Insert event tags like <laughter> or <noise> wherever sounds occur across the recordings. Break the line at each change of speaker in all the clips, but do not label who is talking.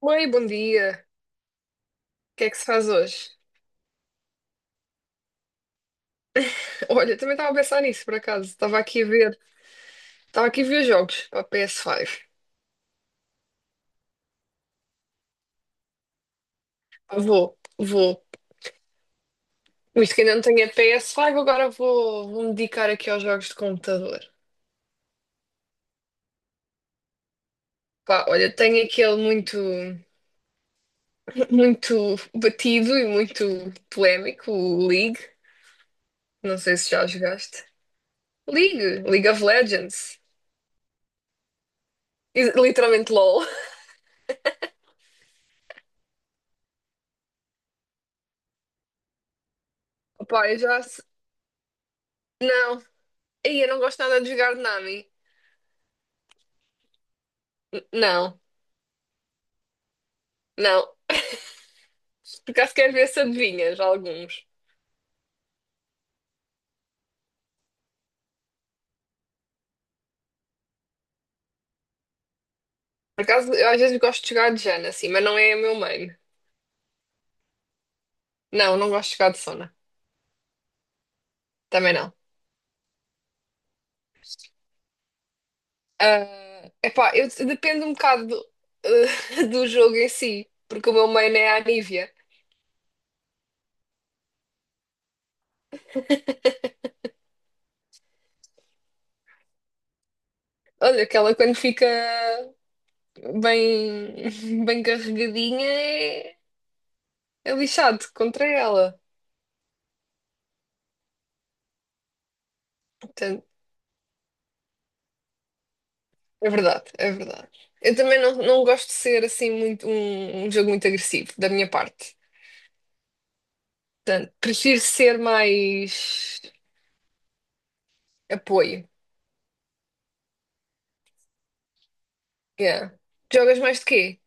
Oi, bom dia. O que é que se faz hoje? <laughs> Olha, também estava a pensar nisso, por acaso. Estava aqui a ver jogos para a PS5. Vou, vou. Visto que ainda não tenho a PS5, agora vou me dedicar aqui aos jogos de computador. Pá, olha, tenho aquele muito, <laughs> muito batido e muito polémico, o League. Não sei se já jogaste. League, League of Legends. Literalmente LOL. <laughs> Pá, eu já... se- Não. Ei, eu não gosto nada de jogar Nami. Não, não. Por acaso quero ver se adivinhas alguns. Por acaso, eu às vezes gosto de jogar de Jana, assim, mas não é o meu main. Não, não gosto de jogar de Sona. Também não. Ah, epá, eu dependo um bocado <laughs> do jogo em si, porque o meu main é a Anivia. <laughs> Olha, aquela quando fica <laughs> bem carregadinha é lixado contra ela. Portanto, é verdade, é verdade. Eu também não gosto de ser assim muito um jogo muito agressivo da minha parte. Portanto, prefiro ser mais apoio. Yeah. Jogas mais de quê?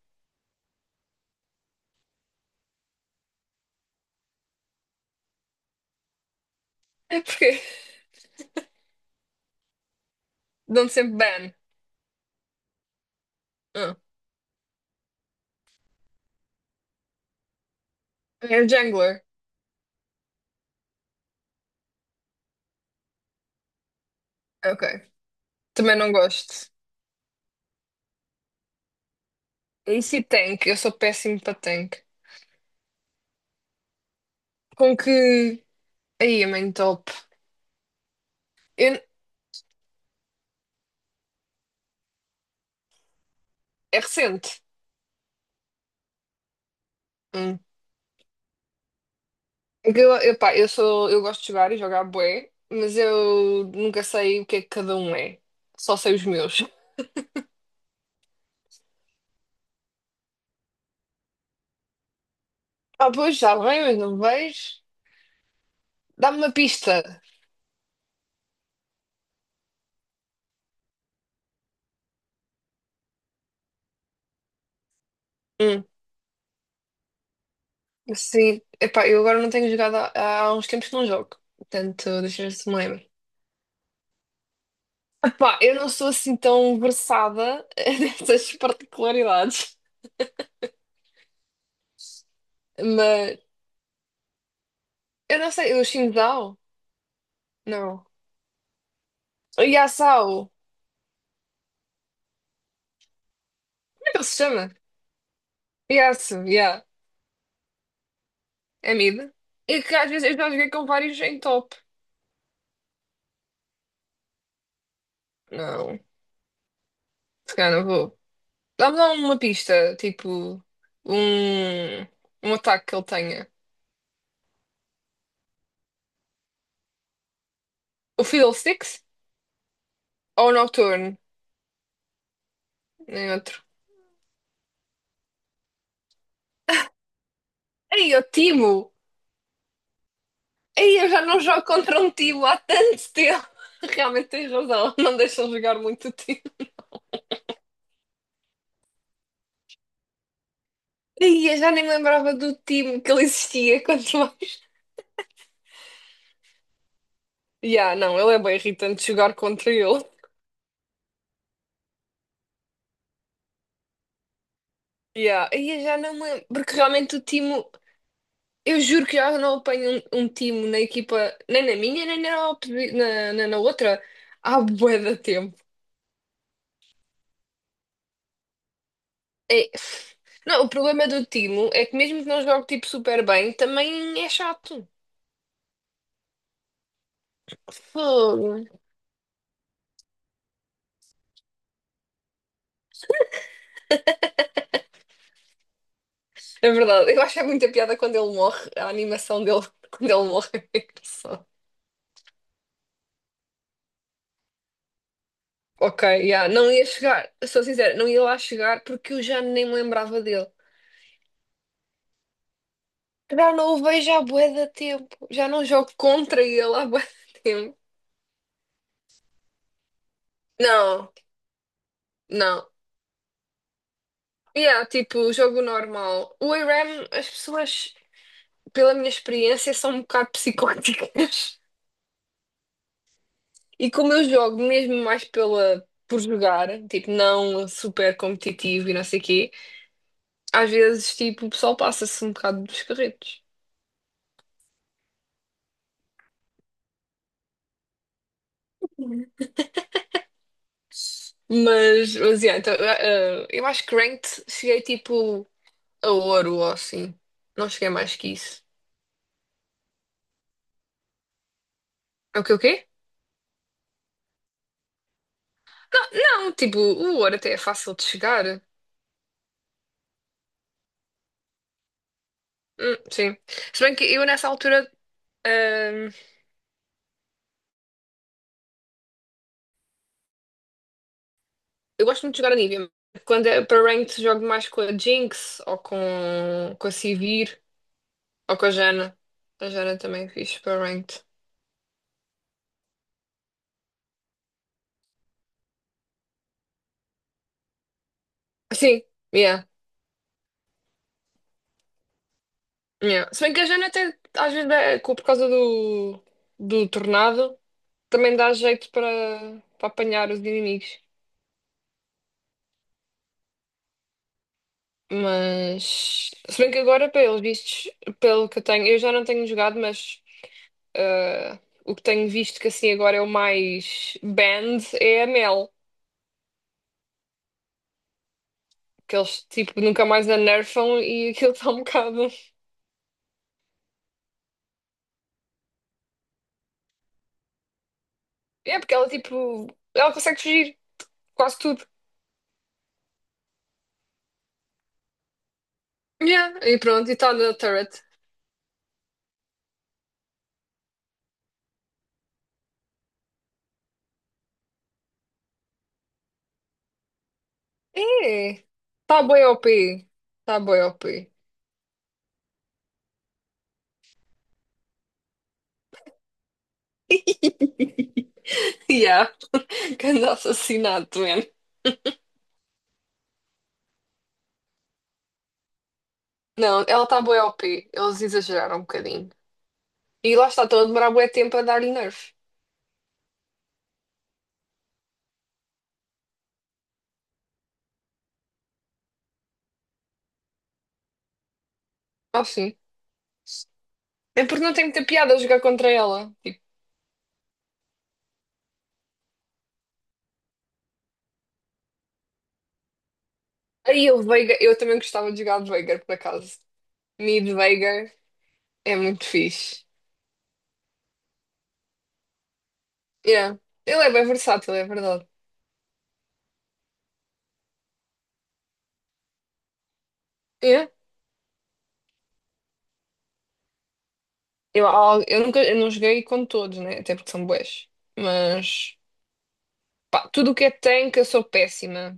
É porque <laughs> dão-te sempre ban. Ah. É jungler. Ok. Também não gosto. E se tank? Eu sou péssimo para tank. Com que. Aí, é main top. Eu- É recente. Hum. É que pá, eu gosto de jogar e jogar bué, mas eu nunca sei o que é que cada um é. Só sei os meus. <laughs> Ah, pois, já bem, mas não vejo. Dá-me uma pista. Hum. Sim, epá, eu agora não tenho jogado há uns tempos que não jogo. Portanto, deixa eu ver se me lembro. Epá, eu não sou assim tão versada <laughs> nessas particularidades. Mas eu não sei, o Xingdao? Não. O Yasao? Como é que ele se chama? Yasu, yeah. É mid. E que às vezes eu já joguei com vários em top. Não, se calhar não vou. Dá-me lá uma pista, tipo, um, um ataque que ele tenha. O Fiddlesticks ou o Nocturne? Nenhum. Ei, o Timo! Ei, eu já não jogo contra um Timo há tanto tempo! <laughs> Realmente tens razão, <laughs> não deixam jogar muito o Timo. Ei, eu já nem me lembrava do Timo que ele existia <laughs> quanto mais. Ya, não, ele é bem irritante jogar contra ele. Ya, Ei, eu já não me lembro, porque realmente o Timo, eu juro que já não apanho um Timo na equipa, nem na minha, nem na, oposi- na, na, na outra, há bué de tempo. É, <sighs> Não, o problema do Timo é que mesmo que não jogue tipo super bem, também é chato. Fogo. É verdade, eu acho é muita piada quando ele morre, a animação dele <laughs> quando ele morre é engraçado. Ok, yeah. Não ia chegar, sou sincera, não ia lá chegar porque eu já nem me lembrava dele. Já não o vejo há bué de tempo, já não jogo contra ele há bué de tempo. Não, não. Yeah, tipo, jogo normal. O ARAM, as pessoas, pela minha experiência, são um bocado psicóticas. <laughs> E como eu jogo mesmo mais por jogar, tipo, não super competitivo e não sei o quê. Às vezes, tipo, o pessoal passa-se um bocado dos carretos. Mas, yeah, então, eu acho que ranked cheguei, tipo, a ouro ou assim. Não cheguei mais que isso. É o que o quê? Não, tipo, o ouro até é fácil de chegar. Sim. Se bem que eu, nessa altura, eh, eu gosto muito de jogar a Nívea. Quando é para ranked, jogo mais com a Jinx ou com a Sivir ou com a Jana. A Jana também é fixe para ranked. Sim, yeah. Yeah. Se bem que a Jana até às vezes por causa do tornado também dá jeito para apanhar os inimigos. Mas se bem que agora, pelos vistos, pelo que eu tenho, eu já não tenho jogado, mas ah, o que tenho visto que assim agora é o mais banned é a Mel. Que eles tipo nunca mais a nerfam e <laughs> aquilo está um bocado. É porque ela tipo. Ela consegue fugir quase tudo. Yeah. E pronto, e está na turret. É, tá bem O P, tá bem OP. <laughs> Yeah, grande assassinato, man. Não, ela tá bem O P, eles exageraram um bocadinho. E lá está, estão a demorar bué tempo a dar-lhe nerf. Ah, sim. É porque não tem muita piada jogar contra ela. Tipo, aí o Veigar, eu também gostava de jogar de Veigar, por acaso. Mid Veigar é muito fixe. Yeah. Ele é bem versátil, é verdade. Yeah. Eu, eu nunca, eu não joguei com todos, né? Até porque são bués. Mas. Pá, tudo o que é tanque eu sou péssima.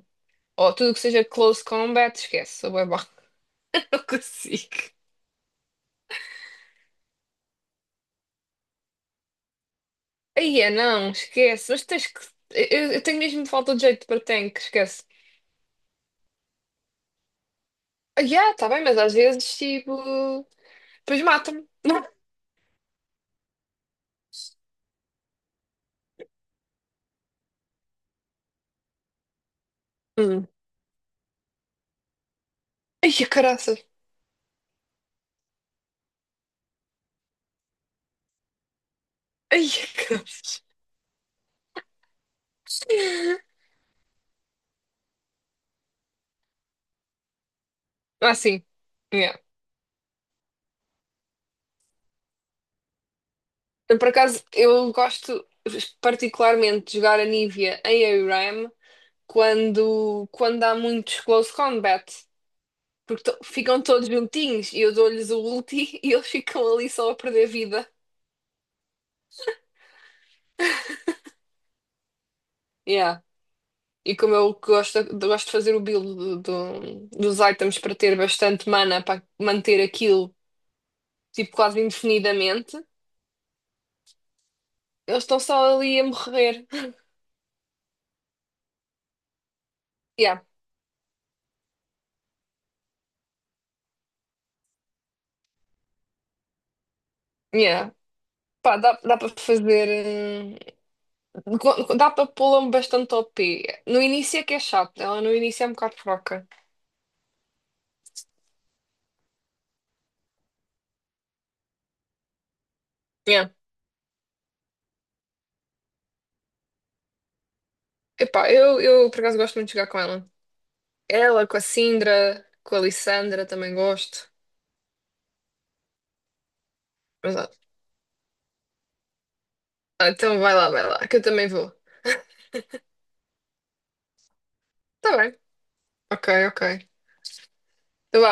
Ou tudo o que seja close combat, esquece, sou bué má. <laughs> Não consigo. Aí é, não, esquece. Mas tens que. Eu tenho mesmo falta de jeito para tanque, esquece. Ah, yeah, tá bem, mas às vezes, tipo. Depois matam-me. <laughs> Não. Hum. Ai, a caraças. Ai, a caraças. Ah, sim. Yeah. Por acaso, eu gosto particularmente de jogar a Nívia em ARAM quando há muitos close combat. Porque ficam todos juntinhos e eu dou-lhes o ulti <laughs> e eles ficam ali só a perder vida. Yeah. E como eu gosto de fazer o build dos items para ter bastante mana para manter aquilo tipo quase indefinidamente, eles estão só ali a morrer. Yeah, yeah. Pá, dá para fazer. Dá para pô-la bastante OP. No início é que é chato, ela no início é um bocado fraca. Yeah. Epá, eu por acaso gosto muito de jogar com ela. Ela com a Sindra, com a Lissandra também gosto. Mas, então vai lá, que eu também vou. Tá bem. Ok, ok. Então vá,